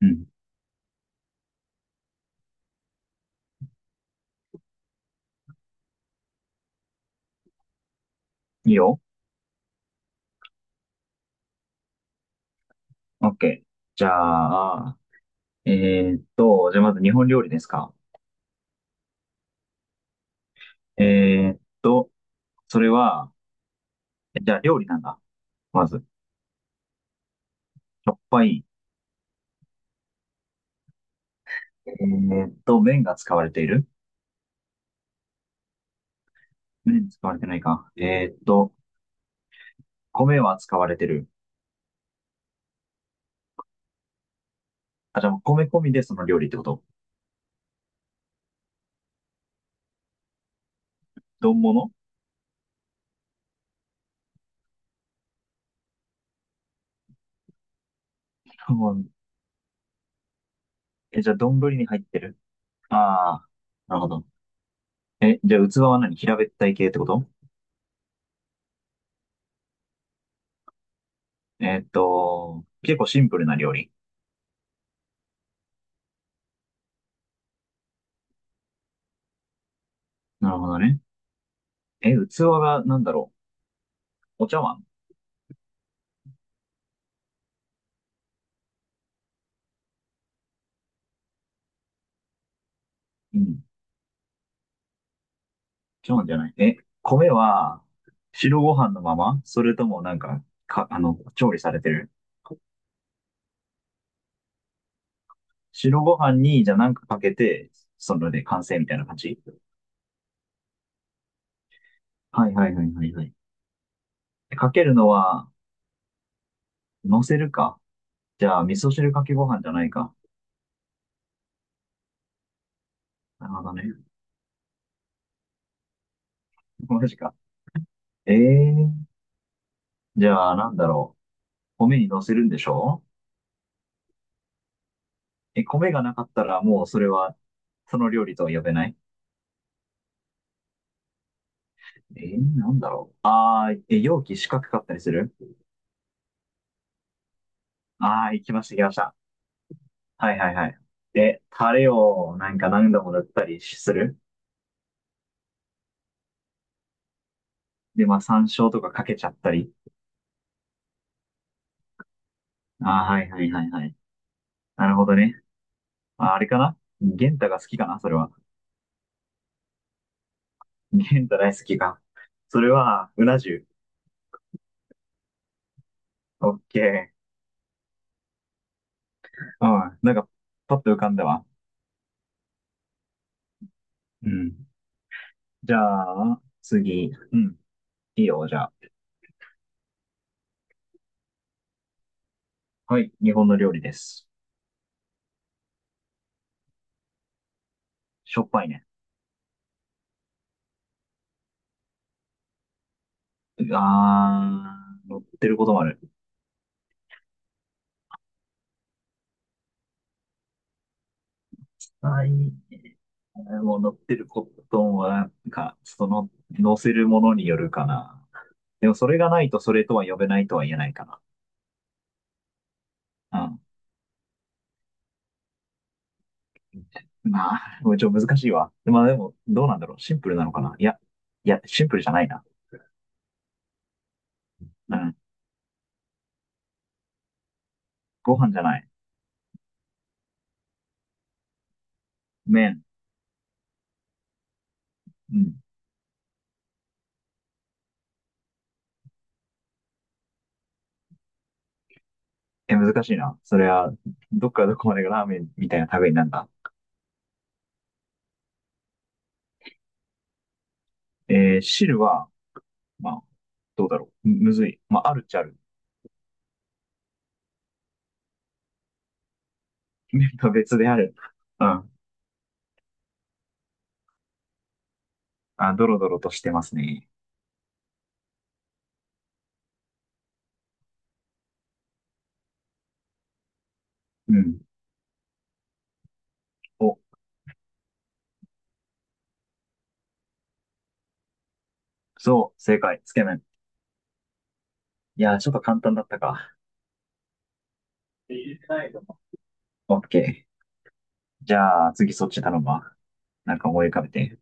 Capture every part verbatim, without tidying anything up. うん。いいよ。オッケー。じゃあ、えーっと、じゃあまず日本料理ですか？えーっと、それは、じゃあ料理なんだ。まず、しょっぱい。えーっと、麺が使われている？麺使われてないか。えーっと、米は使われてる。あ、じゃあもう米込みでその料理ってこと？丼物。うん。え、じゃあ丼に入ってる？ああー、なるほど。え、じゃあ器は何、平べったい系ってこと？えーっと、結構シンプルな料理。なるほどね。え、器がなんだろう。お茶碗。うん。茶碗じゃない。え、米は白ご飯のまま、それともなんか、か、あの、調理されてる？白ご飯に、じゃあなんかかけて、それで完成みたいな感じ？はいはいはいはいはい。かけるのは、乗せるか。じゃあ、味噌汁かけご飯じゃないか。なるほどね。マジか。ええー。じゃあ、なんだろう。米に乗せるんでしょ？え、米がなかったらもうそれは、その料理とは呼べない？えー、なんだろう。え、容器四角かったりする？ああ、行きました、行きました。はいはいはい。で、タレをなんか何度も塗ったりする。で、まあ山椒とかかけちゃったり。ああ、はいはいはいはい。なるほどね。まあ、あれかな、玄太が好きかなそれは。玄太大好きか。それは、うな重。オッケー。うん。なんか、パッと浮かんだわ。うん。じゃあ、次。うん。いいよ、じゃあ。はい。日本の料理です。しょっぱいね。あー、乗ってることもある。はい。もう乗ってるコットンは、なんか、その、乗せるものによるかな。でも、それがないとそれとは呼べないとは言えないかな。うん。まあ、もうちょっと難しいわ。まあでも、どうなんだろう。シンプルなのかな、いや、いや、シンプルじゃないな。うん。ご飯じゃない。麺。うん。え、難しいな。それは、どっからどこまでがラーメンみたいな食べになるんだ。えー汁は、まあ、どうだろう。むむずい。まあ、あるっちゃある。麺と別である。うん。あ、ドロドロとしてますね。うん。お、そう、正解、つけ麺。いやー、ちょっと簡単だったか。オッケー。じゃあ、次そっち頼むわ。なんか思い浮かべて。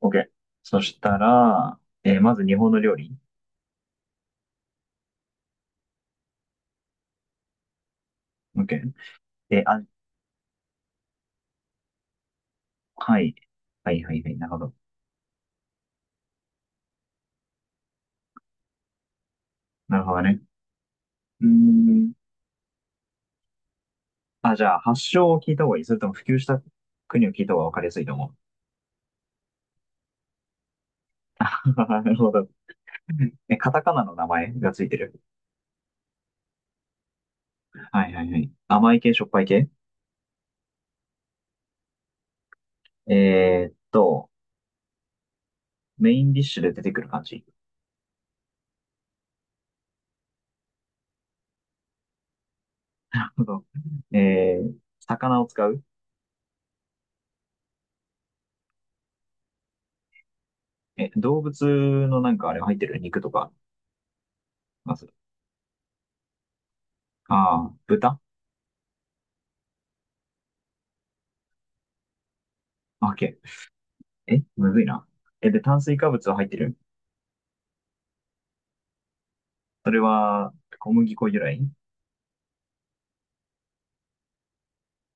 オッケー。そしたら、えーまず日本の料理。オッケー。えーあ、はい。はいはいはい。なるほど。なるほどね。うーん。あ、じゃあ、発祥を聞いた方がいい。それとも普及した国を聞いた方が分かりやすいと思う。あははなるほど。え、カタカナの名前がついてる？はいはいはい。甘い系、しょっぱい系？えーっと、メインディッシュで出てくる感じ。えー、魚を使う？え、動物のなんかあれが入ってる肉とか、まず。ああ、豚？オッケー。え、むずいな。え、で、炭水化物は入ってる？それは、小麦粉由来？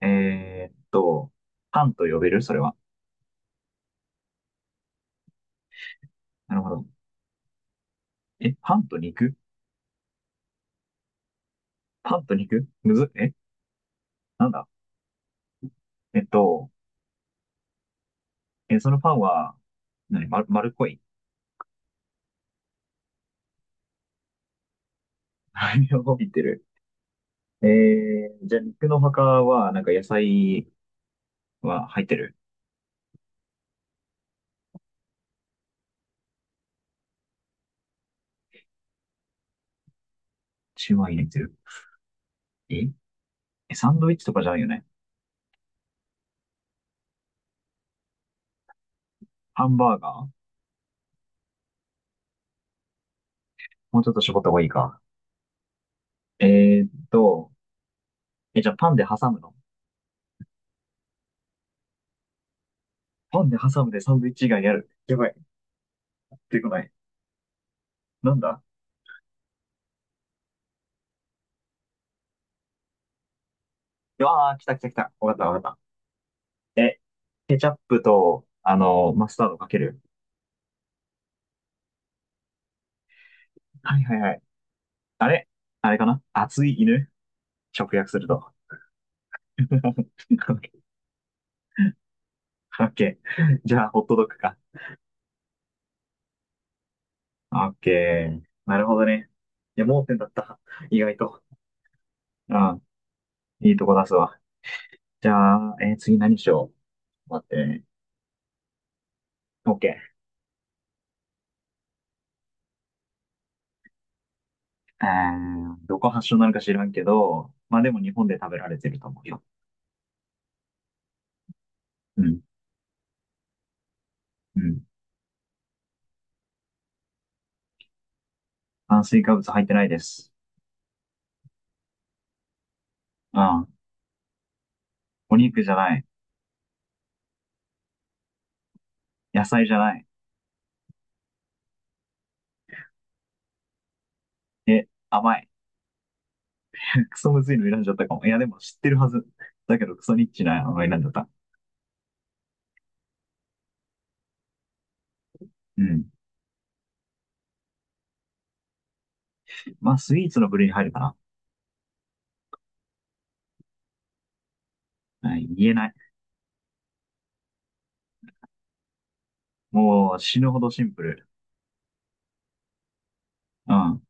えーっと、パンと呼べるそれは。なるほど。え、パンと肉？パンと肉むずっ、え、なんだ。えっと、え、そのパンは、何、ま、丸っこい。あれを帯びてる。ええー、じゃあ肉の他は、なんか野菜は入ってる？シューマイ入れてる？ええサンドイッチとかじゃないよね。ハンバーガー？もうちょっと絞った方がいいか。えーっと、え、じゃあパンで挟むの？パンで挟むでサンドイッチ以外やる。やばい。出てこない。なんだ。ああー、来た来た来た。わかったわかった。え、ケチャップと、あの、マスタードかける。はいはいはい。あれ。あれかな、熱い犬、直訳すると。オッケー。じゃあ、ホットドッグか。オッケー。なるほどね。いや、盲点だった。意外と。うん。いいとこ出すわ。じゃあ、えー次何しよう。待ってね。オッケー。えー、どこ発祥なのか知らんけど、まあでも日本で食べられてると思うよ。うん。うん。炭水化物入ってないです。うん。お肉じゃない。野菜じゃない。え、甘い。クソむずいの選んじゃったかも。いや、でも知ってるはず。だけどクソニッチなの選んじゃった。うん。まあ、スイーツの部類に入るかな。はい、言えない。もう死ぬほどシンプル。うん。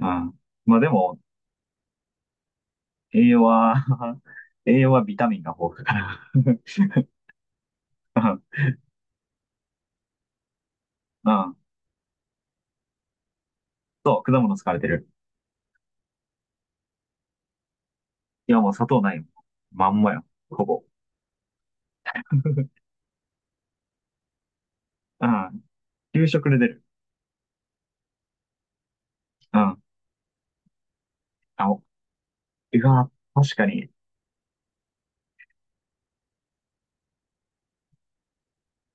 うん。まあでも、栄養は 栄養はビタミンが豊富だから。うん。そう、果物使われてる。いや、もう砂糖ないもん。まんまよ。ほぼ。うん。給食で出る。うん。あ、お、うわ、確かに。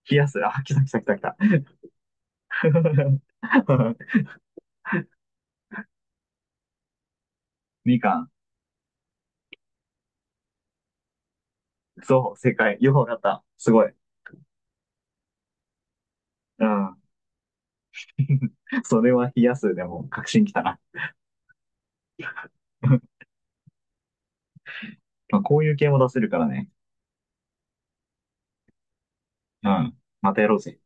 冷やす。あ、来た来た来た来た。みかん。そう、正解。よくわかった。すごい。うん。それは冷やすでも確信きたな。まあ、こういう系も出せるからね。うん。またやろうぜ。